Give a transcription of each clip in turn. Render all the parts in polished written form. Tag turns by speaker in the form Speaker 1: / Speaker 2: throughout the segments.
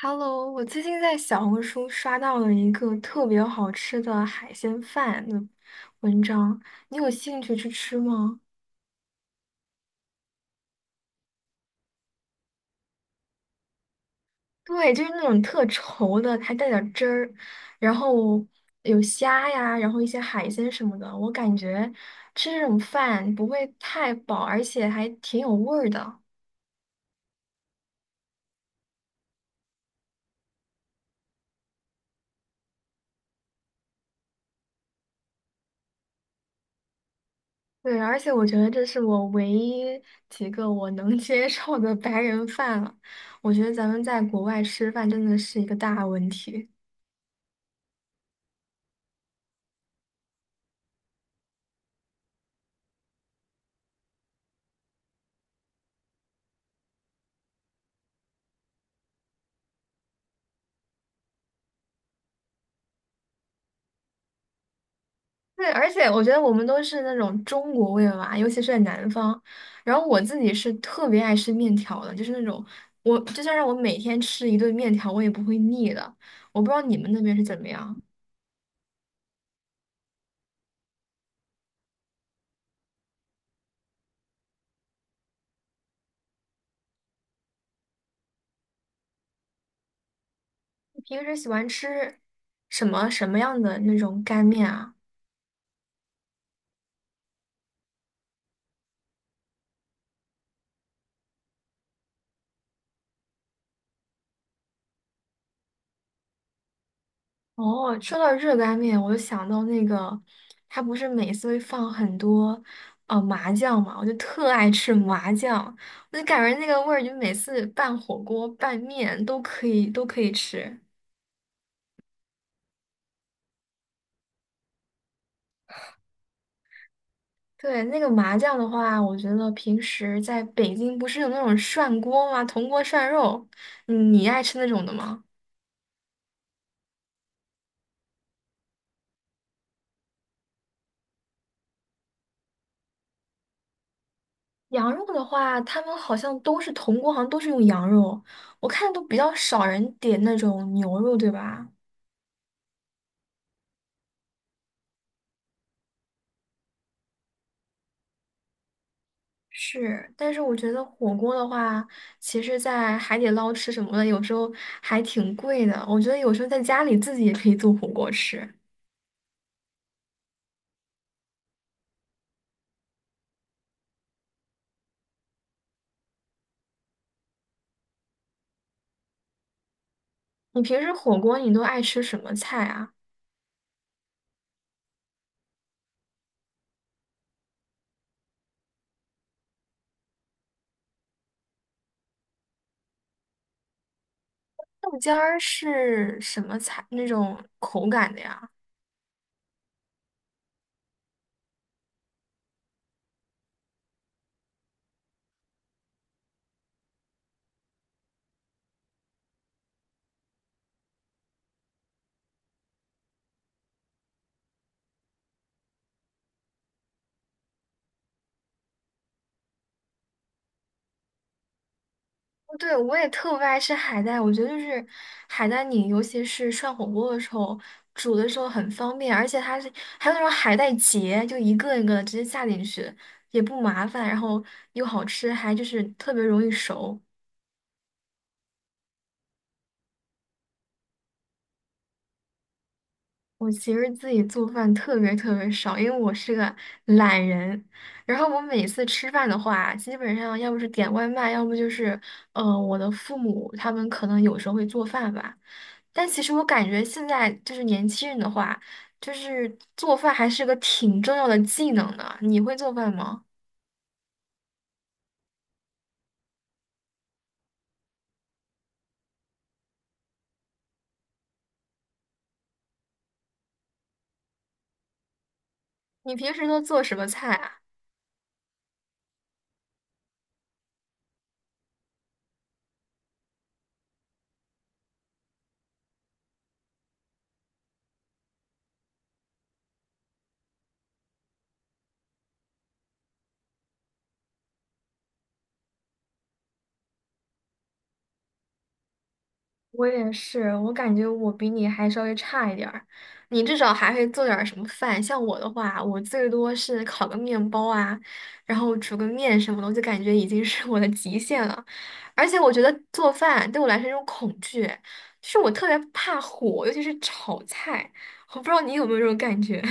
Speaker 1: Hello，我最近在小红书刷到了一个特别好吃的海鲜饭的文章，你有兴趣去吃吗？对，就是那种特稠的，还带点儿汁儿，然后有虾呀，然后一些海鲜什么的。我感觉吃这种饭不会太饱，而且还挺有味儿的。对，而且我觉得这是我唯一几个我能 接受的白人饭了。我觉得咱们在国外吃饭真的是一个大问题。对，而且我觉得我们都是那种中国胃吧，尤其是在南方。然后我自己是特别爱吃面条的，就是那种我就算让我每天吃一顿面条，我也不会腻的。我不知道你们那边是怎么样。你平时喜欢吃什么什么样的那种干面啊？哦，说到热干面，我就想到那个，他不是每次会放很多麻酱嘛，我就特爱吃麻酱，我就感觉那个味儿，就每次拌火锅、拌面都可以吃。对，那个麻酱的话，我觉得平时在北京不是有那种涮锅吗？铜锅涮肉，你爱吃那种的吗？羊肉的话，他们好像都是铜锅，好像都是用羊肉，我看都比较少人点那种牛肉，对吧？是，但是我觉得火锅的话，其实，在海底捞吃什么的，有时候还挺贵的。我觉得有时候在家里自己也可以做火锅吃。你平时火锅你都爱吃什么菜啊？豆尖儿是什么菜？那种口感的呀？对，我也特别爱吃海带，我觉得就是海带泥，尤其是涮火锅的时候煮的时候很方便，而且它是还有那种海带结，就一个一个的直接下进去，也不麻烦，然后又好吃，还就是特别容易熟。我其实自己做饭特别特别少，因为我是个懒人。然后我每次吃饭的话，基本上要不是点外卖，要不就是，我的父母他们可能有时候会做饭吧。但其实我感觉现在就是年轻人的话，就是做饭还是个挺重要的技能的。你会做饭吗？你平时都做什么菜啊？我也是，我感觉我比你还稍微差一点儿，你至少还会做点儿什么饭。像我的话，我最多是烤个面包啊，然后煮个面什么的，我就感觉已经是我的极限了。而且我觉得做饭对我来说是一种恐惧，就是我特别怕火，尤其是炒菜。我不知道你有没有这种感觉。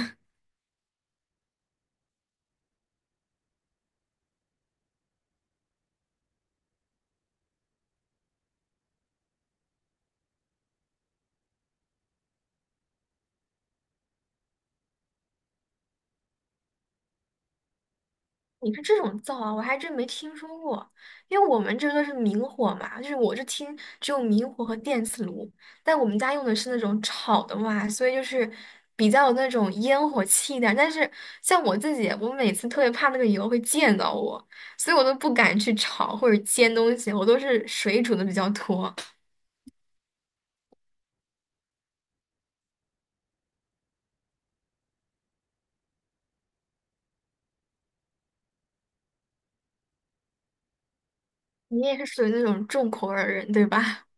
Speaker 1: 你是这种灶啊，我还真没听说过。因为我们这个是明火嘛，就是我是听只有明火和电磁炉，但我们家用的是那种炒的嘛，所以就是比较有那种烟火气一点。但是像我自己，我每次特别怕那个油会溅到我，所以我都不敢去炒或者煎东西，我都是水煮的比较多。你也是属于那种重口味儿的人，对吧？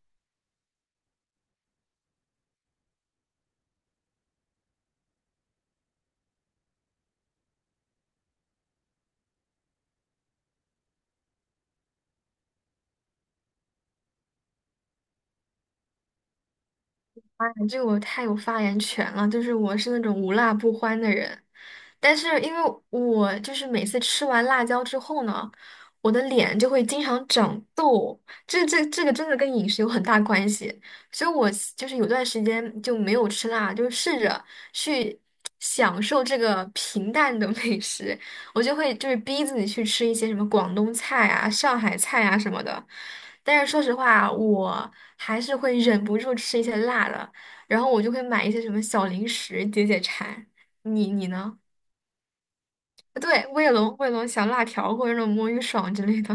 Speaker 1: 哎这个我太有发言权了，就是我是那种无辣不欢的人。但是因为我就是每次吃完辣椒之后呢，我的脸就会经常长痘，这个真的跟饮食有很大关系，所以我就是有段时间就没有吃辣，就是试着去享受这个平淡的美食，我就会就是逼自己去吃一些什么广东菜啊、上海菜啊什么的，但是说实话，我还是会忍不住吃一些辣的，然后我就会买一些什么小零食解解馋。你呢？对，卫龙、卫龙小辣条或者那种魔芋爽之类的。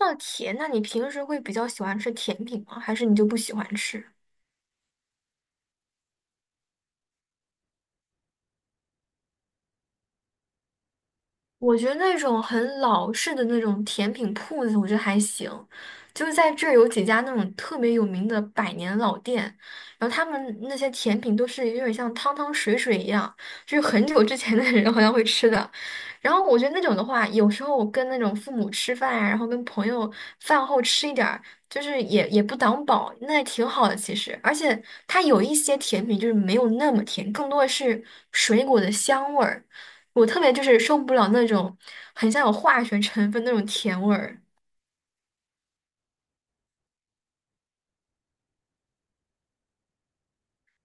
Speaker 1: 那甜，那你平时会比较喜欢吃甜品吗？还是你就不喜欢吃？我觉得那种很老式的那种甜品铺子，我觉得还行。就是在这儿有几家那种特别有名的百年老店，然后他们那些甜品都是有点像汤汤水水一样，就是很久之前的人好像会吃的。然后我觉得那种的话，有时候我跟那种父母吃饭呀，然后跟朋友饭后吃一点儿，就是也不挡饱，那也挺好的其实。而且它有一些甜品就是没有那么甜，更多的是水果的香味儿。我特别就是受不了那种很像有化学成分那种甜味儿。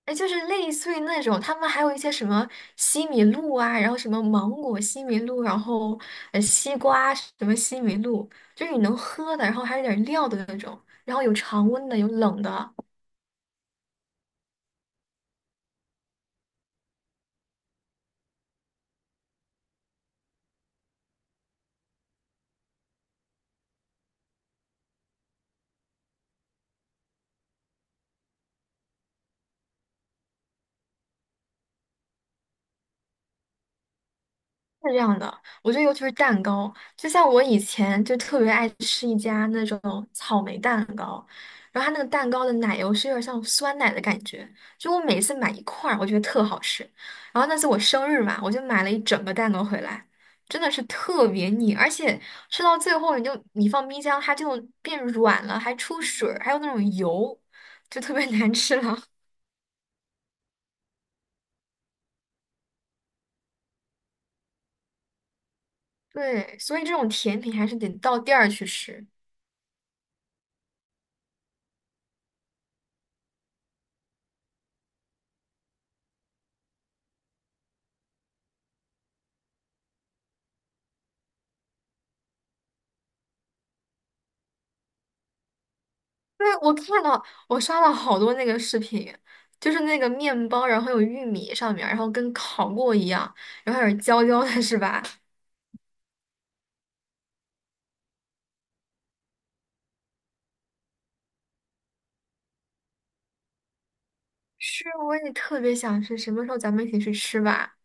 Speaker 1: 哎，就是类似于那种他们还有一些什么西米露啊，然后什么芒果西米露，然后西瓜什么西米露，就是你能喝的，然后还有点料的那种，然后有常温的，有冷的。是这样的，我觉得尤其是蛋糕，就像我以前就特别爱吃一家那种草莓蛋糕，然后它那个蛋糕的奶油是有点像酸奶的感觉，就我每次买一块儿，我觉得特好吃。然后那次我生日嘛，我就买了一整个蛋糕回来，真的是特别腻，而且吃到最后你就你放冰箱它就变软了，还出水儿，还有那种油，就特别 难吃了。对，所以这种甜品还是得到店儿去吃。对，我看到我刷了好多那个视频，就是那个面包，然后有玉米上面，然后跟烤过一样，然后有点焦焦的，是吧？是，我也特别想吃，什么时候咱们一起去吃吧？